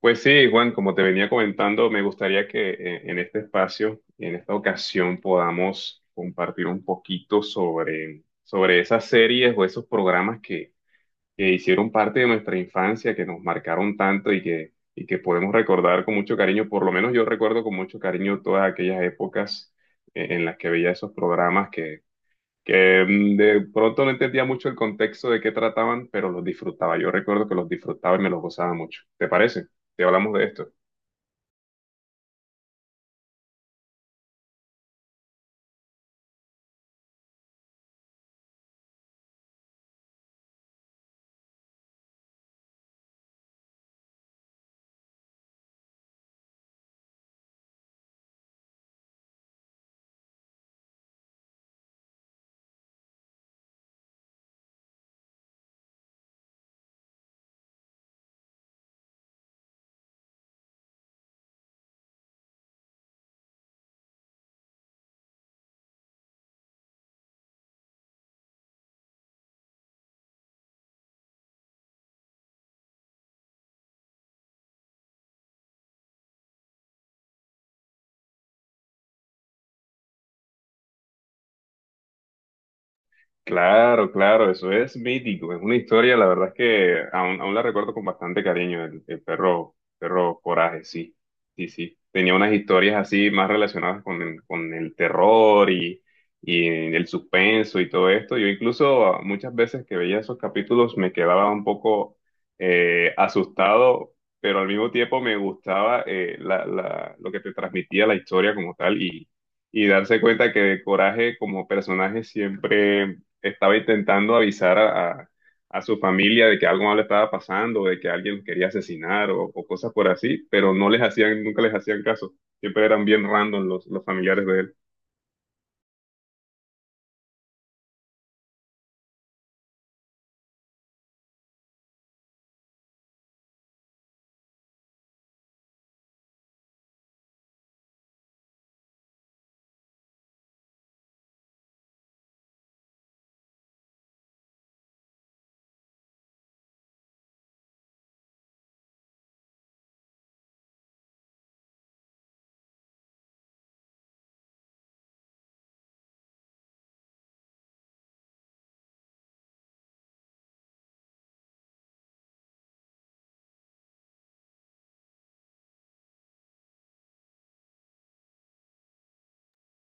Pues sí, Juan, como te venía comentando, me gustaría que en este espacio, en esta ocasión, podamos compartir un poquito sobre esas series o esos programas que hicieron parte de nuestra infancia, que nos marcaron tanto y que podemos recordar con mucho cariño. Por lo menos yo recuerdo con mucho cariño todas aquellas épocas en las que veía esos programas que de pronto no entendía mucho el contexto de qué trataban, pero los disfrutaba. Yo recuerdo que los disfrutaba y me los gozaba mucho. ¿Te parece? Si hablamos de esto. Claro, claro, eso es mítico, es una historia, la verdad es que aún la recuerdo con bastante cariño, el perro, perro Coraje, sí, sí, sí. Tenía unas historias así más relacionadas con con el terror y el suspenso y todo esto. Yo incluso muchas veces que veía esos capítulos me quedaba un poco asustado, pero al mismo tiempo me gustaba lo que te transmitía la historia como tal y darse cuenta que Coraje como personaje siempre estaba intentando avisar a su familia de que algo malo estaba pasando, de que alguien los quería asesinar o cosas por así, pero no les hacían, nunca les hacían caso. Siempre eran bien random los familiares de él.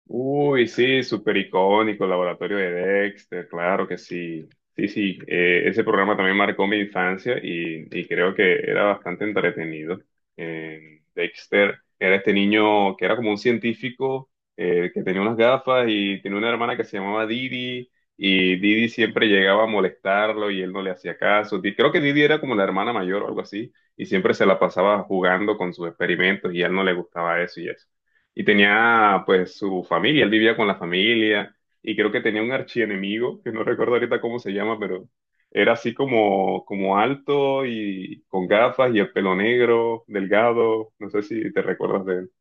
Uy, sí, súper icónico, Laboratorio de Dexter, claro que sí. Sí, sí, ese programa también marcó mi infancia y creo que era bastante entretenido. Dexter era este niño que era como un científico que tenía unas gafas y tenía una hermana que se llamaba Didi y Didi siempre llegaba a molestarlo y él no le hacía caso. Creo que Didi era como la hermana mayor o algo así y siempre se la pasaba jugando con sus experimentos y a él no le gustaba eso y eso y tenía pues su familia, él vivía con la familia y creo que tenía un archienemigo, que no recuerdo ahorita cómo se llama, pero era así como, como alto y con gafas y el pelo negro, delgado, no sé si te recuerdas de él.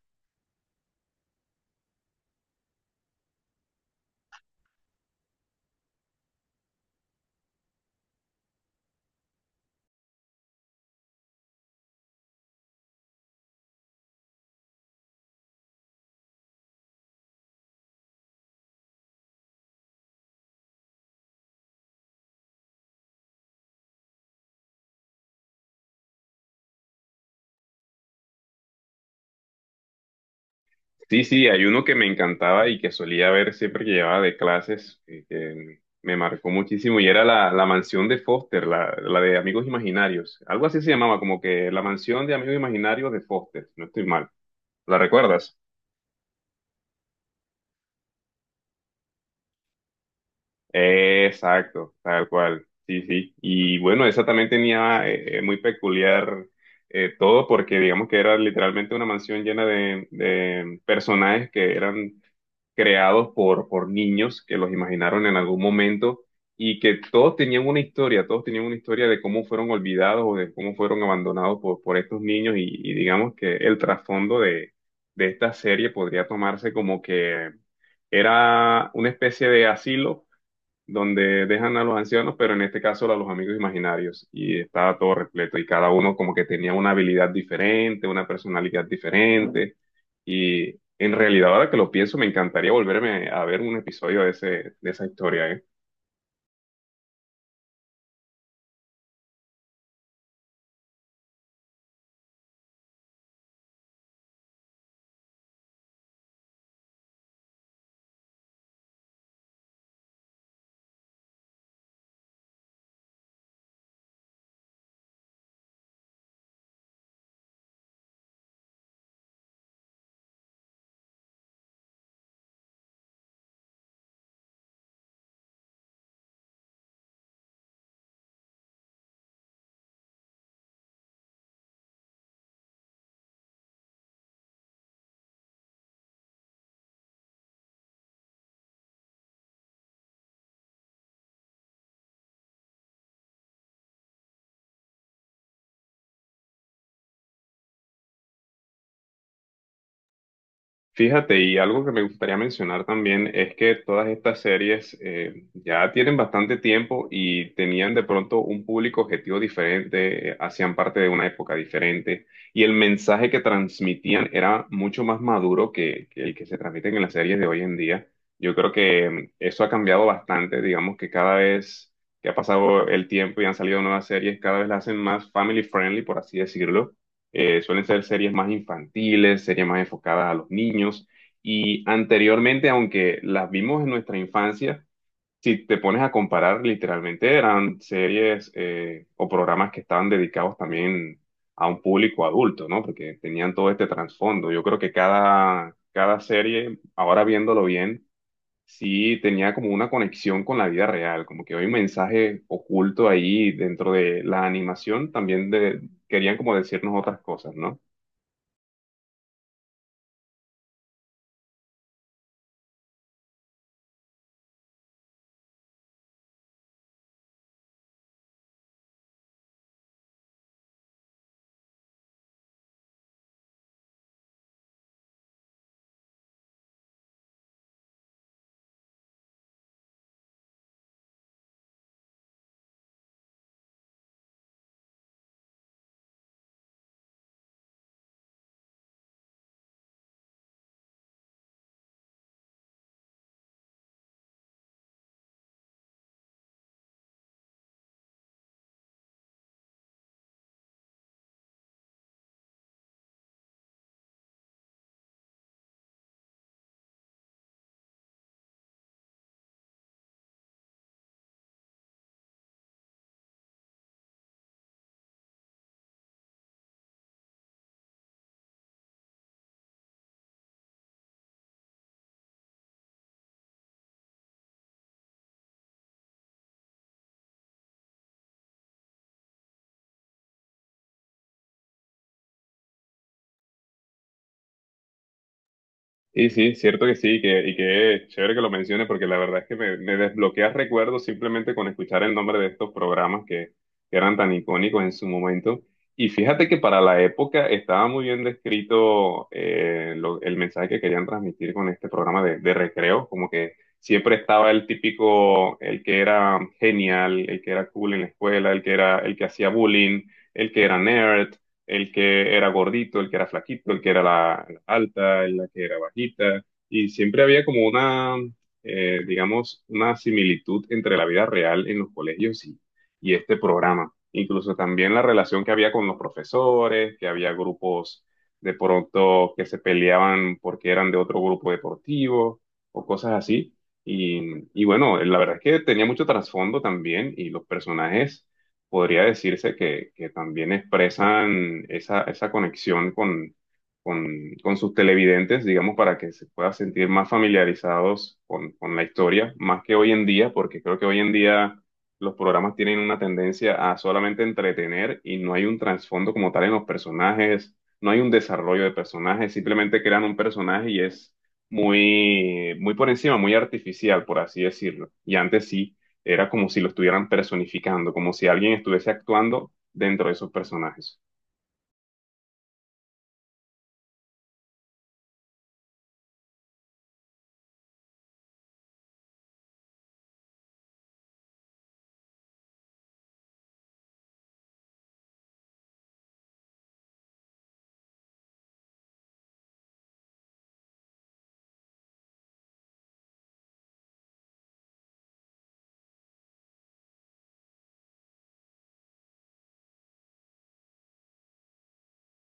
Sí, sí, hay uno que me encantaba y que solía ver siempre que llevaba de clases, que me marcó muchísimo y era la mansión de Foster, la de Amigos Imaginarios, algo así se llamaba, como que la mansión de Amigos Imaginarios de Foster, si no estoy mal, ¿la recuerdas? Exacto, tal cual. Sí, sí. Y bueno, esa también tenía muy peculiar todo porque digamos que era literalmente una mansión llena de personajes que eran creados por niños que los imaginaron en algún momento y que todos tenían una historia, todos tenían una historia de cómo fueron olvidados o de cómo fueron abandonados por estos niños y digamos que el trasfondo de esta serie podría tomarse como que era una especie de asilo donde dejan a los ancianos, pero en este caso a los amigos imaginarios, y estaba todo repleto, y cada uno como que tenía una habilidad diferente, una personalidad diferente, y en realidad ahora que lo pienso, me encantaría volverme a ver un episodio de ese, de esa historia, ¿eh? Fíjate, y algo que me gustaría mencionar también es que todas estas series ya tienen bastante tiempo y tenían de pronto un público objetivo diferente, hacían parte de una época diferente y el mensaje que transmitían era mucho más maduro que el que se transmite en las series de hoy en día. Yo creo que eso ha cambiado bastante, digamos que cada vez que ha pasado el tiempo y han salido nuevas series, cada vez las hacen más family friendly, por así decirlo suelen ser series más infantiles, series más enfocadas a los niños. Y anteriormente, aunque las vimos en nuestra infancia, si te pones a comparar, literalmente eran series o programas que estaban dedicados también a un público adulto, ¿no? Porque tenían todo este trasfondo. Yo creo que cada serie, ahora viéndolo bien, sí tenía como una conexión con la vida real, como que hay un mensaje oculto ahí dentro de la animación, también de, querían como decirnos otras cosas, ¿no? Y sí, cierto que sí, y que es chévere que lo menciones, porque la verdad es que me desbloqueas recuerdos simplemente con escuchar el nombre de estos programas que eran tan icónicos en su momento. Y fíjate que para la época estaba muy bien descrito el mensaje que querían transmitir con este programa de recreo, como que siempre estaba el típico, el que era genial, el que era cool en la escuela, el que era, el que hacía bullying, el que era nerd el que era gordito, el que era flaquito, el que era la alta, la que era bajita, y siempre había como digamos, una similitud entre la vida real en los colegios y este programa. Incluso también la relación que había con los profesores, que había grupos de pronto que se peleaban porque eran de otro grupo deportivo o cosas así. Y bueno, la verdad es que tenía mucho trasfondo también y los personajes podría decirse que también expresan esa, esa conexión con, con sus televidentes, digamos, para que se puedan sentir más familiarizados con la historia, más que hoy en día, porque creo que hoy en día los programas tienen una tendencia a solamente entretener y no hay un trasfondo como tal en los personajes, no hay un desarrollo de personajes, simplemente crean un personaje y es muy, muy por encima, muy artificial, por así decirlo. Y antes sí era como si lo estuvieran personificando, como si alguien estuviese actuando dentro de esos personajes.